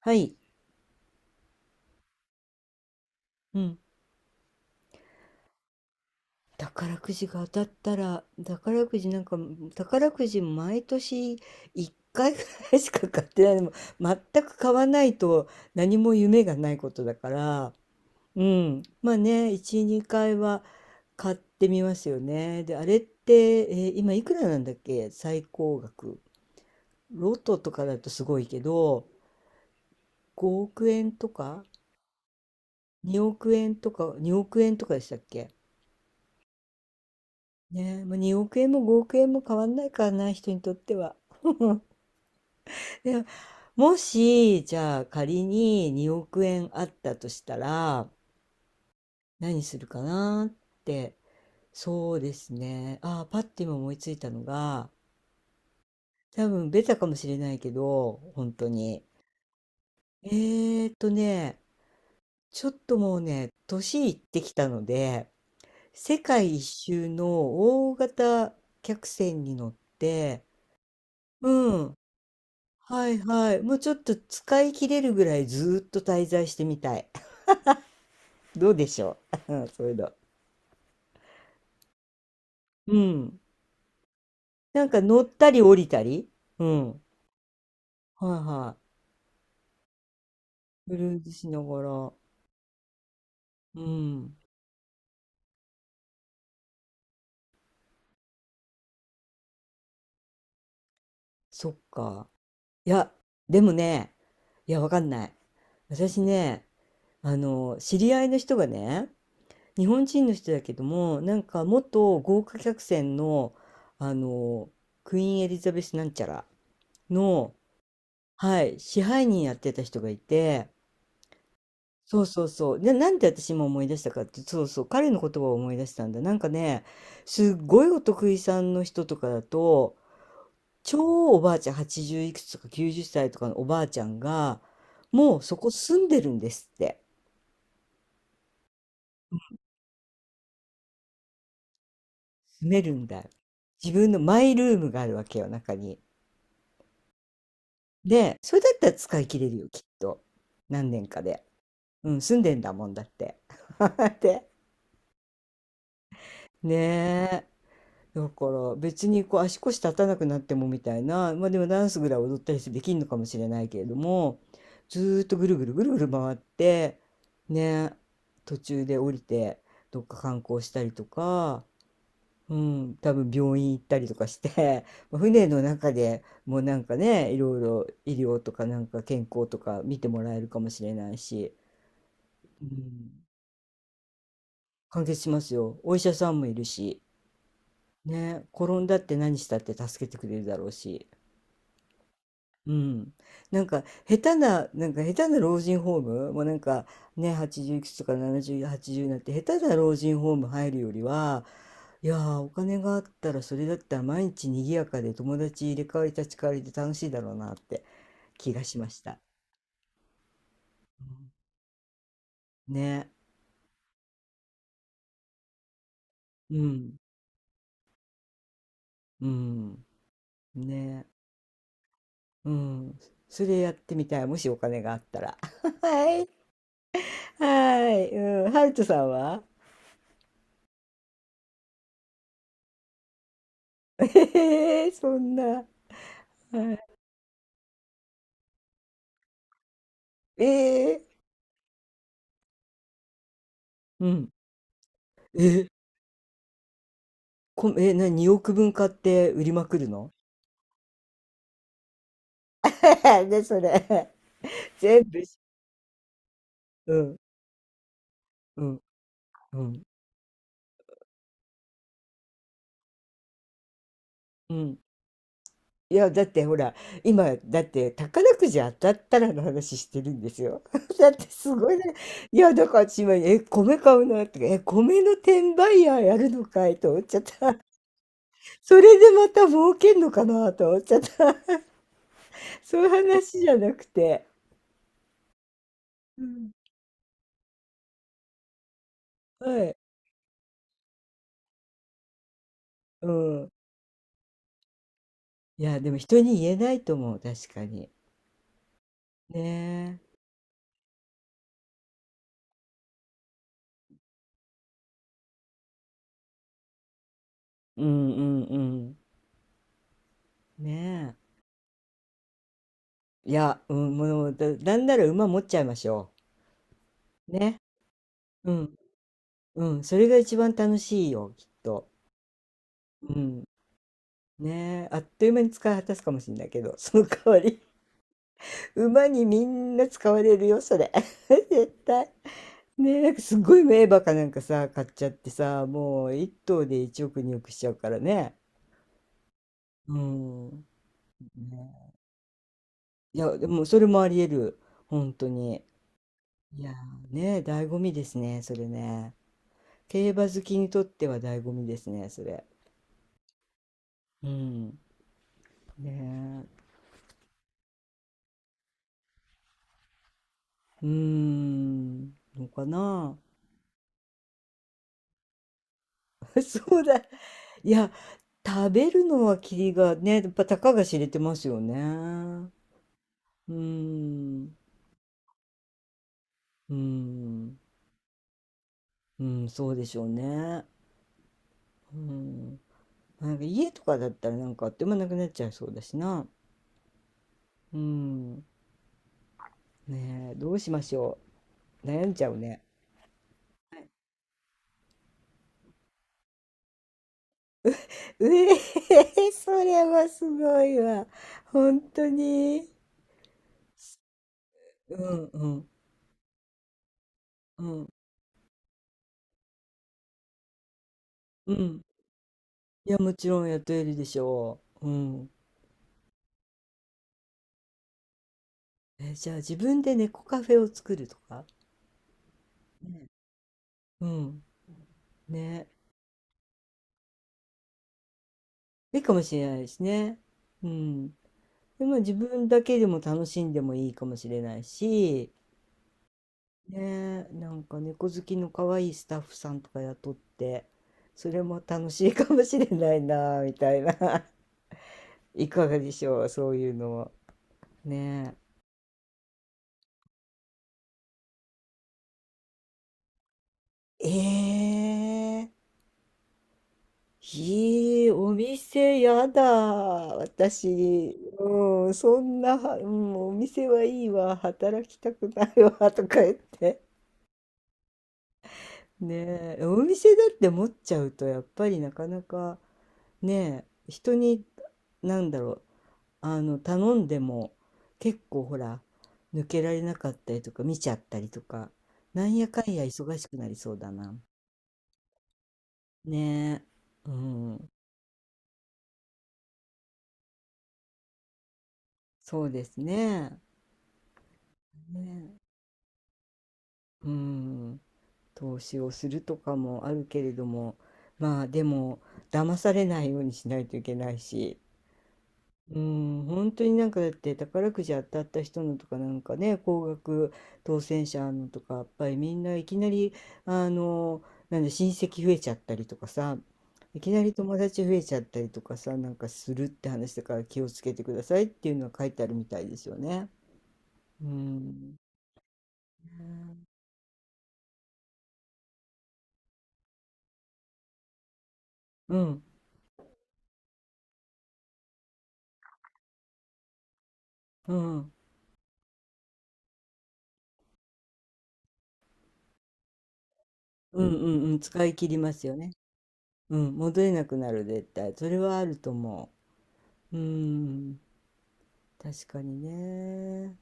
はい。うん。宝くじが当たったら、宝くじなんか、宝くじ毎年1回ぐらいしか買ってないでも、全く買わないと何も夢がないことだから、うん。まあね、1、2回は買ってみますよね。で、あれって、今いくらなんだっけ最高額。ロトとかだとすごいけど、5億円とか、2億円とか、2億円とかでしたっけ。ねえ、もうあ、2億円も5億円も変わんないからな、人にとっては。でもし、じゃあ仮に2億円あったとしたら、何するかなって、そうですね。ああ、パッて今思いついたのが、多分ベタかもしれないけど、本当に。えーっとね、ちょっともうね、年いってきたので、世界一周の大型客船に乗って、うん、はいはい。もうちょっと使い切れるぐらいずーっと滞在してみたい。どうでしょう。 うん、そういうの。うん。なんか乗ったり降りたり。うん。はいはい。クルーズしながら。うん。そっか。いや、でもね、いや、わかんない。私ね、知り合いの人がね、日本人の人だけども、なんか元豪華客船の、あの、クイーンエリザベスなんちゃらの、はい、支配人やってた人がいて、そうそうそう。で、なんで私今思い出したかって、そうそう、彼の言葉を思い出したんだ。なんかね、すっごいお得意さんの人とかだと、超おばあちゃん、80いくつとか90歳とかのおばあちゃんが、もうそこ住んでるんですって。住めるんだよ。自分のマイルームがあるわけよ、中に。で、それだったら使い切れるよ、きっと。何年かで。うん、住んでんだもんだって。で、ね、だから別にこう足腰立たなくなってもみたいな、まあでもダンスぐらい踊ったりしてできるのかもしれないけれども、ずーっとぐるぐるぐるぐる回って、ね、途中で降りてどっか観光したりとか、うん、多分病院行ったりとかして、まあ船の中でもうなんかね、いろいろ医療とかなんか健康とか見てもらえるかもしれないし、うん、完結しますよ。お医者さんもいるし、ね、転んだって何したって助けてくれるだろうし。うん、なんか下手な、なんか下手な老人ホーム、もうなんかね、80いくつとか70、80になって下手な老人ホーム入るよりは、いやーお金があったらそれだったら毎日賑やかで友達入れ替わり立ち替わりで楽しいだろうなって気がしました。うん、ね、うん、うん、ね、うん、それやってみたい、もしお金があったら。はい、はい、うん、ハルトさんは。 えー、そんな、えー、うん。え、こ、え、な、2億分買って売りまくるの。 で、それ、全部し、うん、うん、うん。うん。いや、だってほら、今、だって宝くじ当たったらの話してるんですよ。だってすごいね。いや、だから私今、米買うなとか、米の転売ヤーやるのかいと思っちゃった。それでまた儲けんのかなと思っちゃった。そういう話じゃなくて。うん。はい。うん。いや、でも人に言えないと思う、確かに。ねえ、うんうんうん。ねえ、ね、いや、うん、もう、なんなら馬持っちゃいましょうね。う。ん、うん、それが一番楽しいよ、きっと。うん。ねえ、あっという間に使い果たすかもしれないけど、その代わり、馬にみんな使われるよ、それ。絶対。ねえ、なんかすっごい名馬かなんかさ、買っちゃってさ、もう一頭で1億2億しちゃうからね。うん。ねえ、いや、でもそれもあり得る。本当に。いやーね、醍醐味ですね、それね。競馬好きにとっては醍醐味ですね、それ。うん。ねえ。うーん。のかな。そうだ。いや、食べるのはキリがね、やっぱたかが知れてますよね。うーん。うーん。うん、そうでしょうね。うん。なんか家とかだったらなんかあっという間なくなっちゃいそうだしな。うん。ねえ、どうしましょう。悩んじゃうね。うえー、それはすごいわ。本当に。うんうんうんうん、いやもちろん雇えるでしょう。うん。え、じゃあ自分で猫カフェを作るとか。うん。ね、いいかもしれないですね。うん。でも自分だけでも楽しんでもいいかもしれないし、ね、なんか猫好きの可愛いスタッフさんとか雇ってそれも楽しいかもしれないなみたいな。 いかがでしょう、そういうのは。ねえええ。いい、お店やだ。私、うん、そんな、うん、お店はいいわ、働きたくないわ、とか言って。ねえ、お店だって持っちゃうと、やっぱりなかなか、ねえ、人に、なんだろう、頼んでも、結構ほら、抜けられなかったりとか、見ちゃったりとか、なんやかんや忙しくなりそうだな。ねえ、うん。そうですね。ね、うん、投資をするとかもあるけれども、まあでも騙されないようにしないといけないし、うん、本当になんかだって宝くじ当たった人のとかなんかね、高額当選者のとか、やっぱりみんないきなり、あの、なんで親戚増えちゃったりとかさ、いきなり友達増えちゃったりとかさ、なんかするって話だから気をつけてくださいっていうのは書いてあるみたいですよね。うん。うん。うん。ううんん。うんうん。使い切りますよね。うん。戻れなくなる、絶対。それはあると思う。うん。確かにね。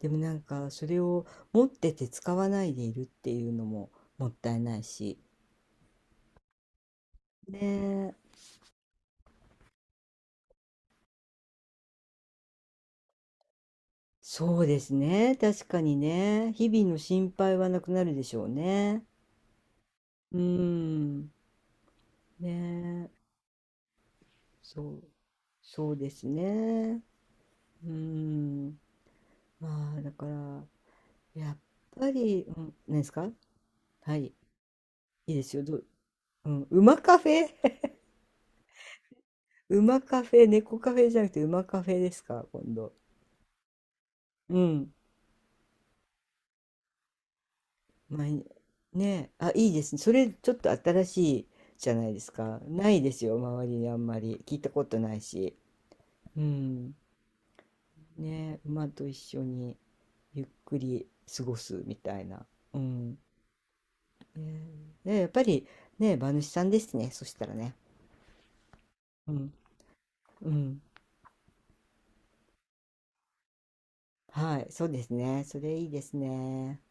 でもなんか、それを持ってて使わないでいるっていうのももったいないし。ねえ。そうですね。確かにね。日々の心配はなくなるでしょうね。うん。ねえ。そう。そうですね。うん。まあ、だから、やっぱり、うん、何ですか。はい。いいですよ。どう、うん。馬カフェ。 馬カフェ、猫カフェじゃなくて馬カフェですか、今度。うん。まあ、ねえあ、いいですね。それちょっと新しいじゃないですか。ないですよ、周りにあんまり。聞いたことないし。うん。ねえ、馬と一緒にゆっくり過ごすみたいな。うん。ねえねえやっぱりねえ、馬主さんですね。そしたらね。うん。うん。はい。そうですね。それいいですね。